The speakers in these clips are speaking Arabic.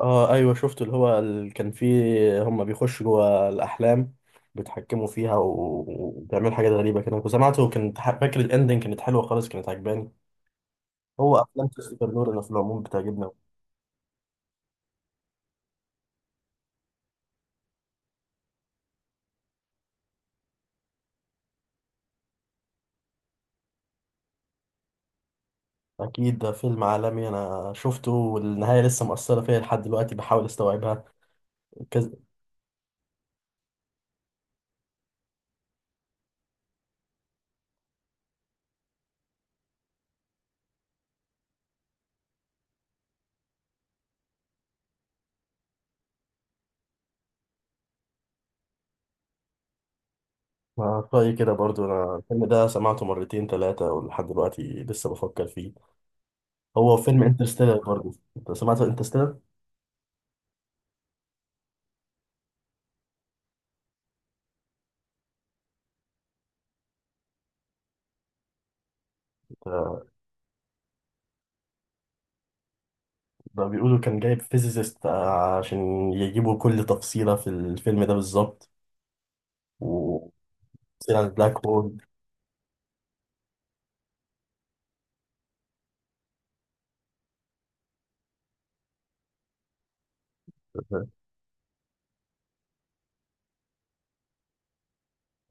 اه ايوه شفت كان فيه هم بيخشوا جوه الاحلام بيتحكموا فيها وبيعملوا حاجات غريبه كده كنت سمعته وكنت فاكر الاندنج كانت حلوه خالص كانت عجباني. هو افلام كريستوفر نولان في العموم بتعجبنا. اكيد ده فيلم عالمي، انا شفته والنهايه لسه مؤثره فيا لحد دلوقتي بحاول استوعبها كذا. ما رأيي كده برضو، انا الفيلم ده سمعته مرتين ثلاثه ولحد دلوقتي لسه بفكر فيه. هو فيلم انترستيلر برضو، انت سمعت انترستيلر؟ ده بيقولوا كان جايب فيزيست عشان يجيبوا كل تفصيلة في الفيلم ده بالظبط، وتفصيل عن البلاك هول.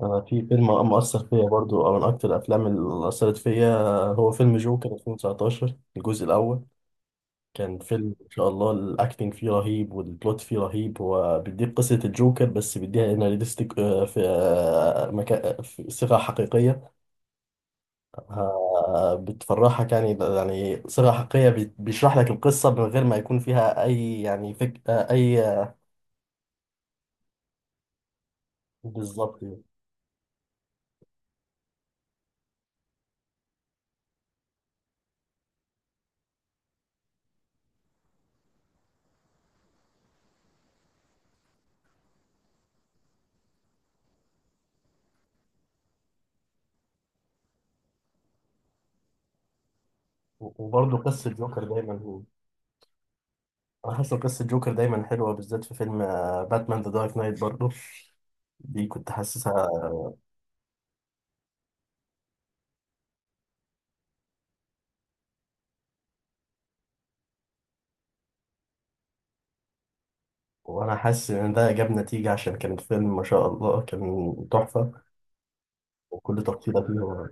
أنا في فيلم مؤثر فيا برضو أو من أكتر الأفلام اللي أثرت فيا، هو فيلم جوكر 2019 الجزء الأول. كان فيلم إن شاء الله الأكتنج فيه رهيب والبلوت فيه رهيب، هو بيديك قصة الجوكر بس بيديها إنها ريليستيك، في مكان في صيغة حقيقية. بتفرحك، يعني يعني صيغة حقيقية بيشرح لك القصة من غير ما يكون فيها أي يعني فك آه، أي بالظبط وبرضه قصة جوكر دايما هو. أنا حاسس إن قصة جوكر دايما حلوة بالذات في فيلم باتمان ذا دارك نايت برضه، دي كنت حاسسها. وأنا حاسس إن ده جاب نتيجة عشان كان الفيلم ما شاء الله كان تحفة، وكل تفصيلة فيه.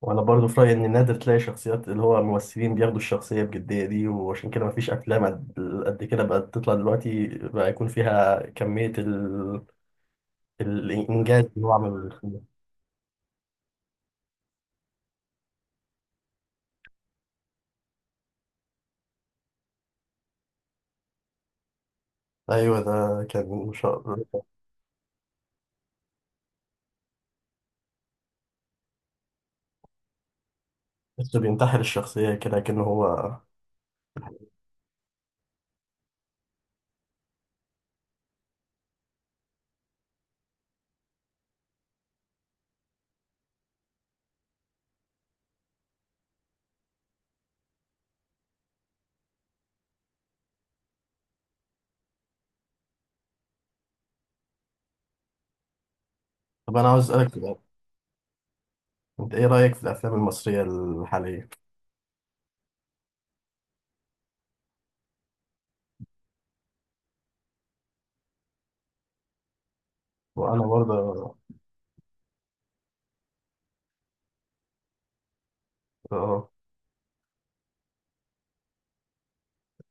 وانا برضو في رايي ان نادر تلاقي شخصيات اللي هو ممثلين بياخدوا الشخصيه بجديه دي، وعشان كده مفيش افلام قد كده بقت تطلع دلوقتي بقى يكون فيها كميه الانجاز اللي هو عمله للفيلم. ايوه ده كان شا- بس بينتحل الشخصيه كده كأنه هو. طب انا عاوز اسالك سؤال، انت ايه رايك في الافلام المصريه الحاليه؟ وانا برضه. اه.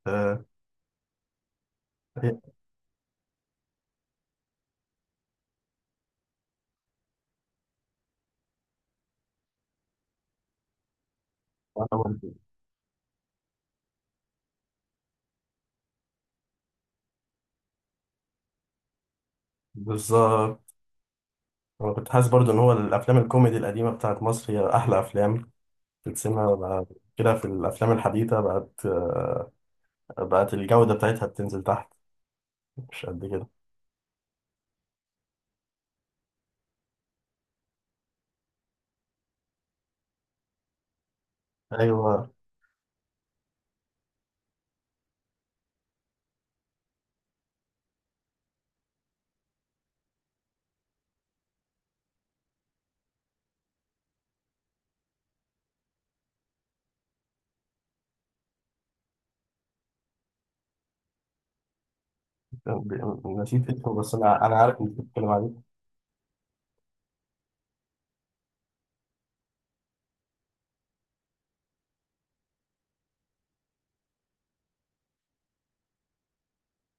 آه، إيه؟ وأنا برضه بالظبط، انا كنت حاسس برضه ان هو الافلام الكوميدي القديمه بتاعت مصر هي احلى افلام في السينما بقى كده. في الأفلام الحديثة بقت بقت الجودة بتاعتها بتنزل تحت، مش قد كده. أيوه. نسيت اسمه بس أنا عارف إنك بتتكلم عليه.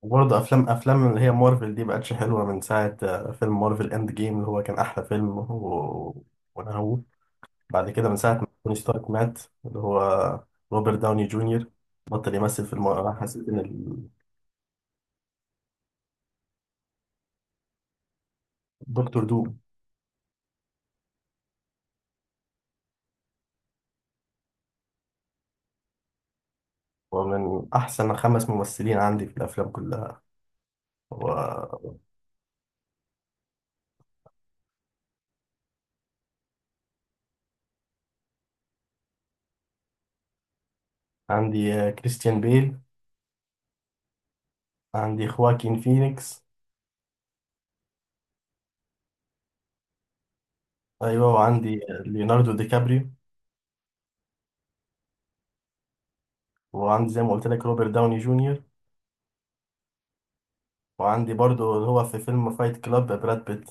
وبرضه أفلام اللي هي مارفل دي بقتش حلوة من ساعة فيلم مارفل إند جيم اللي هو كان أحلى فيلم وأنا هو بعد كده من ساعة ما توني ستارك مات، اللي هو روبرت داوني جونيور بطل يمثل في أنا حسيت إن دكتور دوم هو من أحسن خمس ممثلين عندي في الأفلام كلها. هو عندي كريستيان بيل، عندي خواكين فينيكس، ايوه وعندي ليوناردو دي كابريو، وعندي زي ما قلت لك روبرت داوني جونيور، وعندي برضو اللي هو في فيلم فايت كلاب براد بيت.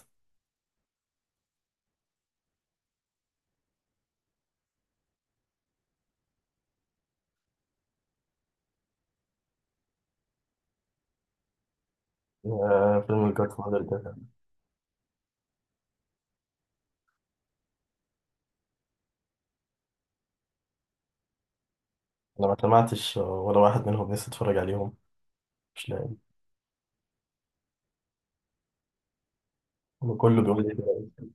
فيلم الجاد فاذر ده انا ما سمعتش ولا واحد منهم، لسه اتفرج عليهم مش لاقي. كله بيقول لي كده.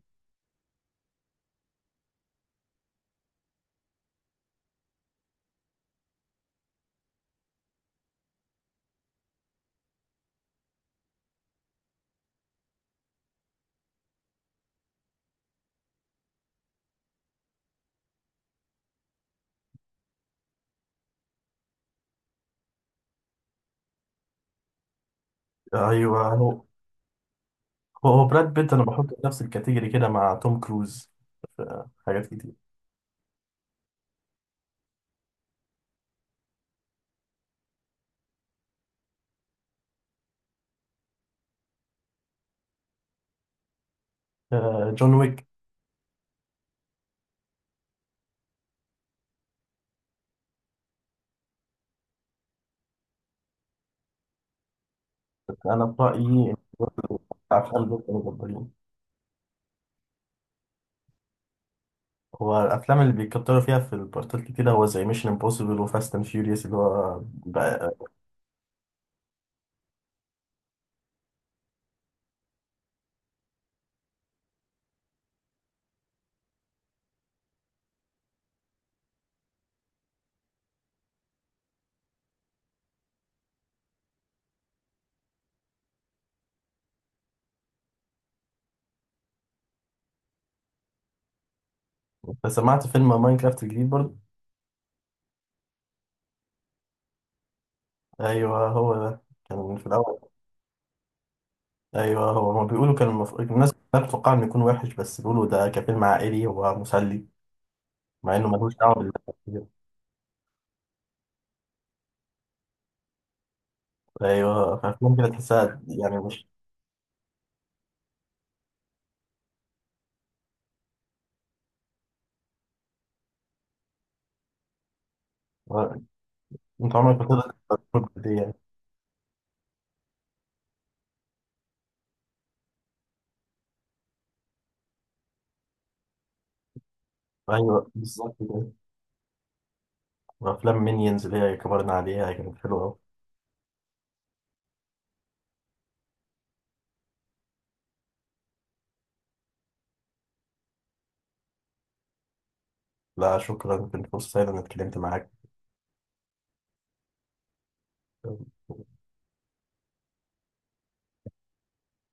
ايوه هو. هو براد بيت انا بحطه في نفس الكاتيجوري كده مع توم كروز في حاجات كتير. آه، جون ويك. انا في رايي أفلام دول المفضلين، هو الافلام اللي بيكتروا فيها في البارتات كتير هو زي ميشن امبوسيبل وفاست اند فيوريوس اللي هو بقى. انت سمعت فيلم ماينكرافت الجديد برضه؟ ايوه هو ده، كان في الاول ايوه هو ما بيقولوا كان الناس كلها بتتوقع انه يكون وحش، بس بيقولوا ده كفيلم عائلي هو مسلي مع انه ملوش دعوه. بال ايوه، فافلام كده تحسها يعني مش انت عمرك ما تقدر تتفرج دي يعني. ايوه بالظبط كده. وافلام مينيونز اللي هي كبرنا عليها كانت حلوه أوي. لا شكرا، كنت فرصه سعيده اني اتكلمت معاك.